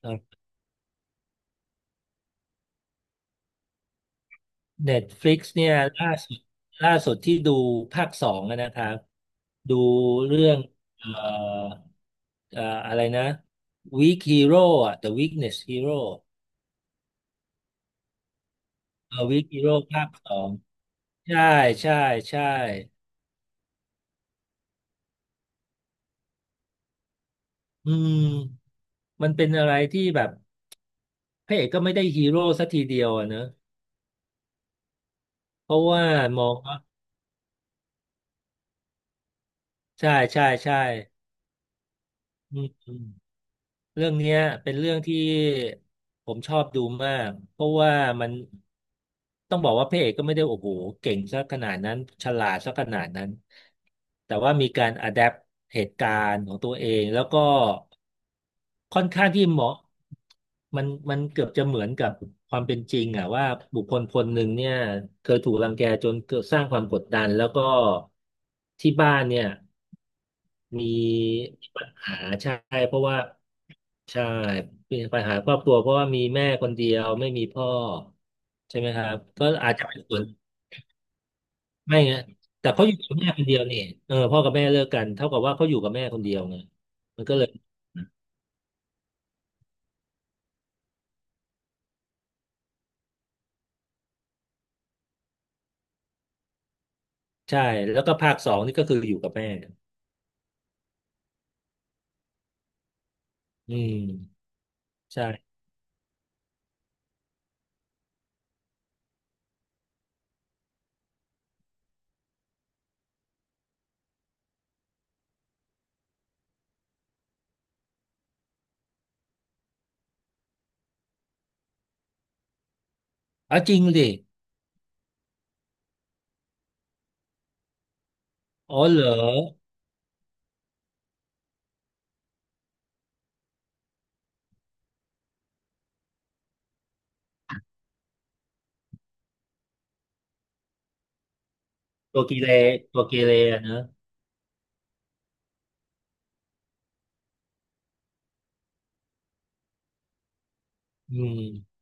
ครับ Netflix เนี่ยล่าสุดล่าสุดที่ดูภาคสองอะนะครับดูเรื่องเอ่อเอ่ออะไรนะ Weak Hero อะ The Weakness Hero Weak Hero ภาคสองใช่ใช่ใช่อืมมันเป็นอะไรที่แบบพระเอกก็ไม่ได้ฮีโร่สักทีเดียวอะเนอะเพราะว่ามองว่าใช่ใช่ใช่อืม เรื่องเนี้ยเป็นเรื่องที่ผมชอบดูมากเพราะว่ามันต้องบอกว่าพระเอกก็ไม่ได้โอ้โหเก่งซะขนาดนั้นฉลาดซะขนาดนั้นแต่ว่ามีการอะแดปเหตุการณ์ของตัวเองแล้วก็ค่อนข้างที่เหมาะมันเกือบจะเหมือนกับความเป็นจริงอะว่าบุคคลคนหนึ่งเนี่ยเคยถูกรังแกจนเกิดสร้างความกดดันแล้วก็ที่บ้านเนี่ย มีปัญหาใช่เพราะว่าใช่มีปัญหาครอบครัวเพราะว่ามีแม่คนเดียวไม่มีพ่อใช่ไหมครับก็อาจจะเป็นส่วนไม่ไงแต่เขาอยู่กับแม่คนเดียวนี่เออพ่อกับแม่เลิกกันเท่ากับว่าเขาอยู่กับแม่คนเดียวไงมันก็เลยใช่แล้วก็ภาคสองนี่ก็คืออยู่กับแม่อืมใช่เอาจริงดิอ๋อเหรอตัวกีเลตัวกีเลสอะเนอะอืม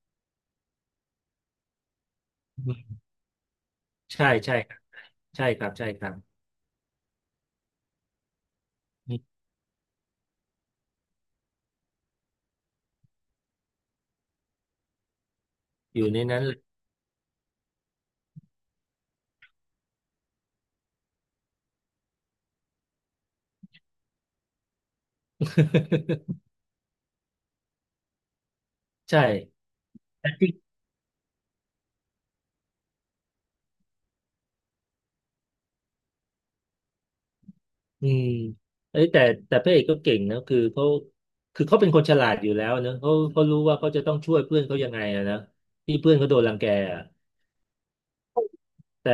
อืมใช่ใช่ครับใช่ครับใช่ครับอมอยู่ในนั้นเลย ใช่แต่ที่อืมเอ้ยแต่พระเอกก็เก่งนะคือเขาคือเขาเป็นคนฉลาดอยู่แล้วเนอะเขาเขารู้ว่าเขาจะต้องช่วยเพื่อนเขายังไงอะนะที่เพื่อนเขาโดนรังแกอะแต่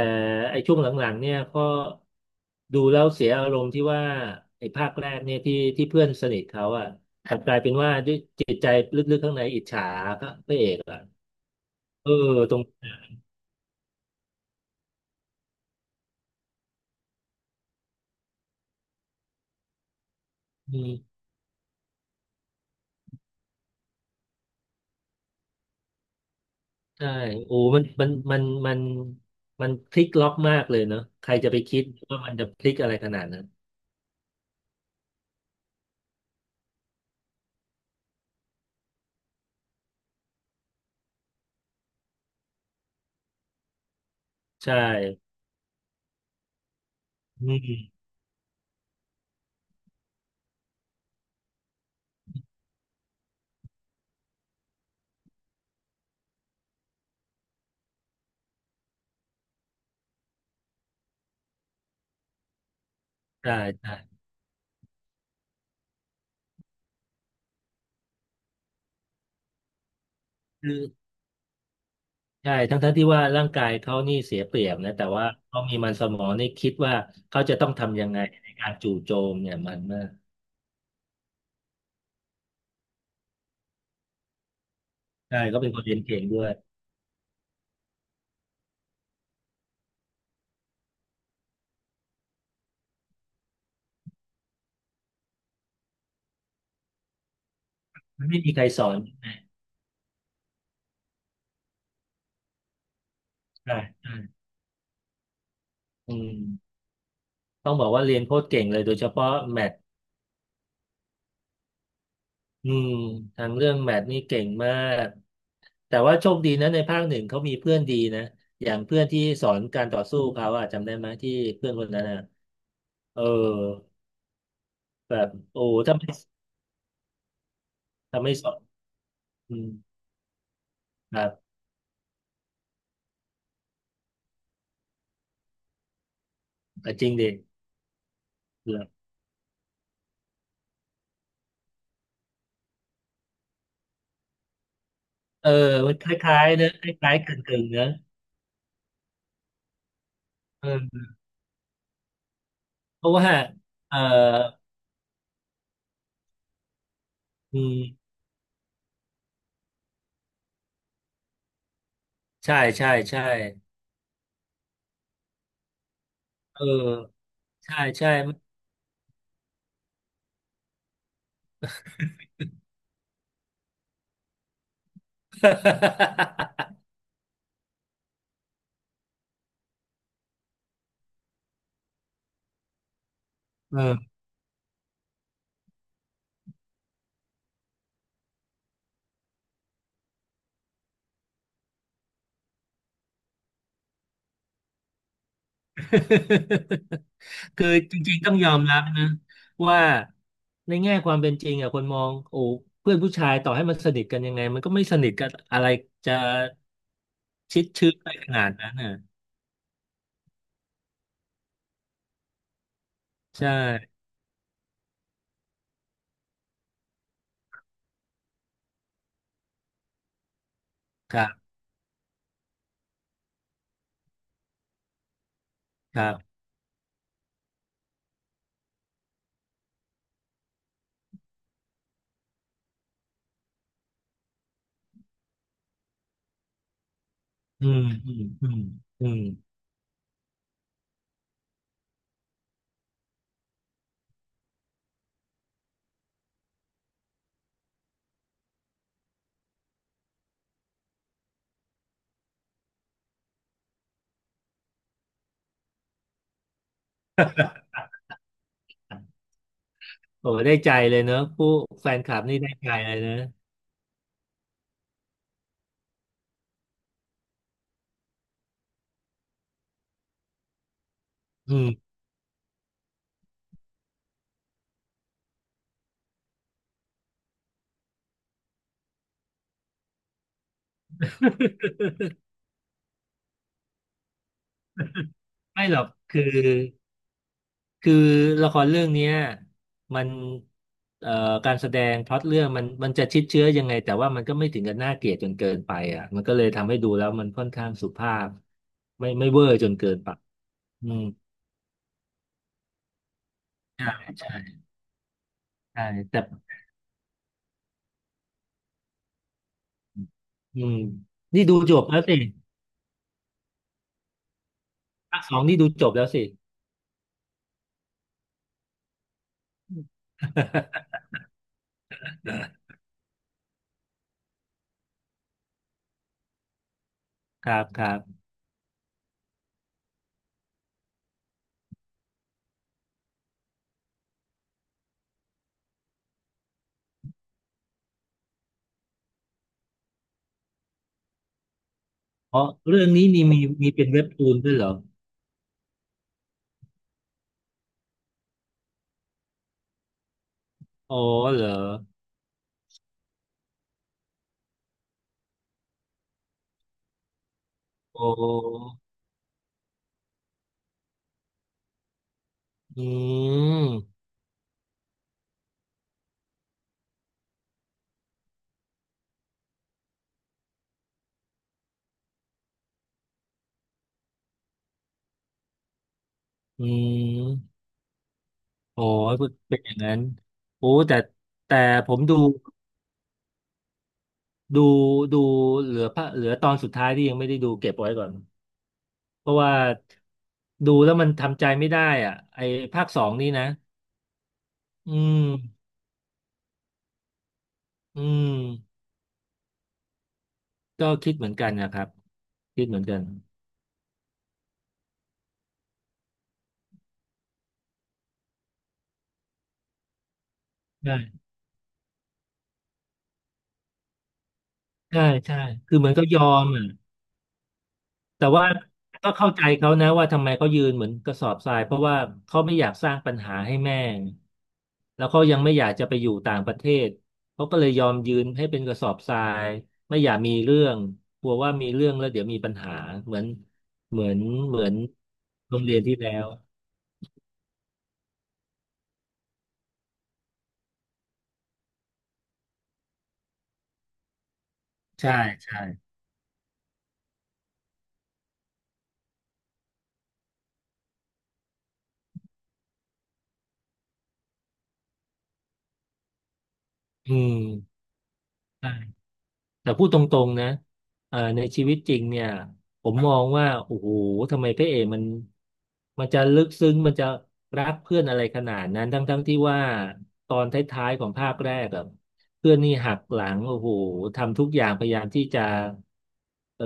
ไอ้ช่วงหลังๆเนี่ยก็ดูแล้วเสียอารมณ์ที่ว่าไอ้ภาคแรกเนี่ยที่ที่เพื่อนสนิทเขาอ่ะกลับกลายเป็นว่าด้วยจิตใจลึกๆข้างในอิจฉาพระเอกอ่ะเออตรง ใช่โอ้มันมันพลิกล็อกมากเลยเนาะใครจะไปคิดว่ามันจะพลิกอะไรขนาดนั้นใช่อืมใช่ใช่คือใช่ทั้งที่ว่าร่างกายเขานี่เสียเปรียบนะแต่ว่าเขามีมันสมองนี่คิดว่าเขาจะต้องทำยังไงในการจู่โจมเนี่ยมันมากใช่เขาเป็นคนเรียนเก่งด้วยมันไม่มีใครสอนใช่ใช่อืมต้องบอกว่าเรียนโคตรเก่งเลยโดยเฉพาะแมทอืมทางเรื่องแมทนี่เก่งมาก แต่ว่าโชคดีนะในภาคหนึ่งเขามีเพื่อนดีนะอย่างเพื่อนที่สอนการต่อสู้เขาอะจำได้ไหมที่เพื่อนคนนั้นอะเออแบบโอ้ถ้าไม่สอนอืมครับจริงดิเออมันคล้ายๆนะคล้ายๆกึ่งๆนะเออเพราะว่าเอออืมใช่ใช่ใช่เออใช่ใช่ เออ คือจริงๆต้องยอมรับนะว่าในแง่ความเป็นจริงอ่ะคนมองโอ้เพื่อนผู้ชายต่อให้มันสนิทกันยังไงมันก็ไม่สนิทกันอะไรจะชิดชื้นไปขนาดนั้นน่ะใช่ครับครับอืมอืมอืมอืมโอ้ได้ใจเลยเนอะผู้แฟนคลับนี่ได้ใจเลยนะอืมไม่หรอกคือ คือละครเรื่องเนี้ยมันเอ่อการแสดงพล็อตเรื่องมันจะชิดเชื้อยังไงแต่ว่ามันก็ไม่ถึงกับน่าเกลียดจนเกินไปอ่ะมันก็เลยทำให้ดูแล้วมันค่อนข้างสุภาพไม่เวอร์จนเกินไปอืมใช่ใช่ใช่แต่อืมนี่ดูจบแล้วสิภาคสองนี่ดูจบแล้วสิ ครับครับเพราะเรื่องนี้มีเป็นเว็บตูนด้วยเหรออ๋อเหรอโอ้อืมอืม โอ้ยเป็นอย่างนั้นโอ้แต่แต่ผมดูดูเหลือตอนสุดท้ายที่ยังไม่ได้ดูเก็บไว้ก่อนเพราะว่าดูแล้วมันทำใจไม่ได้อ่ะไอ้ภาคสองนี่นะอืมอืมก็คิดเหมือนกันนะครับคิดเหมือนกันใช่ใช่ใช่คือเหมือนก็ยอมอ่ะ แต่ว่าก็เข้าใจเขานะว่าทำไมเขายืนเหมือนกระสอบทรายเพราะว่าเขาไม่อยากสร้างปัญหาให้แม่แล้วเขายังไม่อยากจะไปอยู่ต่างประเทศเขาก็เลยยอมยืนให้เป็นกระสอบทรายไม่อยากมีเรื่องกลัวว่ามีเรื่องแล้วเดี๋ยวมีปัญหาเหมือนเหมือนเหมือนโรงเรียนที่แล้วใช่ใช่อืมใช่ แต่พูดตรงๆนะในชีวิตจริงเนี่ยผมมองว่าโอ้โหทำไมพระเอกมันจะลึกซึ้งมันจะรักเพื่อนอะไรขนาดนั้นทั้งๆที่ว่าตอนท้ายๆของภาคแรกอะเพื่อนนี่หักหลังโอ้โหทำทุกอย่างพยายามที่จะเอ่อ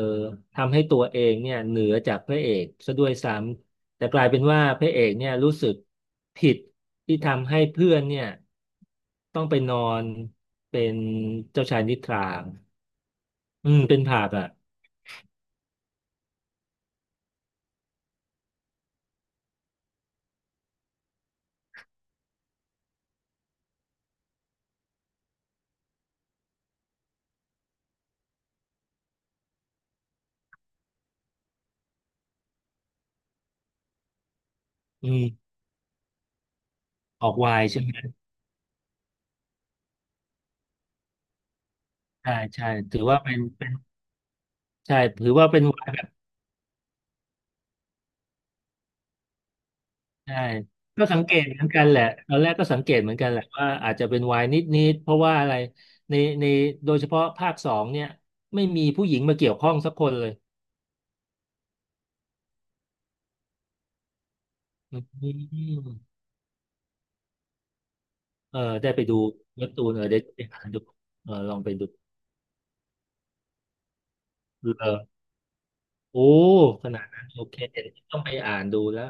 ทำให้ตัวเองเนี่ยเหนือจากพระเอกซะด้วยซ้ำแต่กลายเป็นว่าพระเอกเนี่ยรู้สึกผิดที่ทำให้เพื่อนเนี่ยต้องไปนอนเป็นเจ้าชายนิทรา อืมเป็นผับอ่ะอืมออกไวน์ใช่ไหมใช่ใช่ถือว่าเป็นใช่ถือว่าเป็นไวน์แบบใช่ก็สังเกตเหมือนกันแหละตอนแรกก็สังเกตเหมือนกันแหละว่าอาจจะเป็นไวน์นิดๆเพราะว่าอะไรในในโดยเฉพาะภาคสองเนี่ยไม่มีผู้หญิงมาเกี่ยวข้องสักคนเลยอืมเออได้ไปดูเว็บตูนเออได้ไปหาดูเออลองไปดูเออโอ้ขนาดนั้นโอเคเดี๋ยวต้องไปอ่านดูแล้ว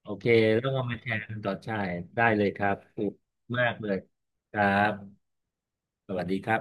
โอเค แล้วก็มาแชร์กันต่อใช่ได้เลยครับถูกมากเลยครับ สวัสดีครับ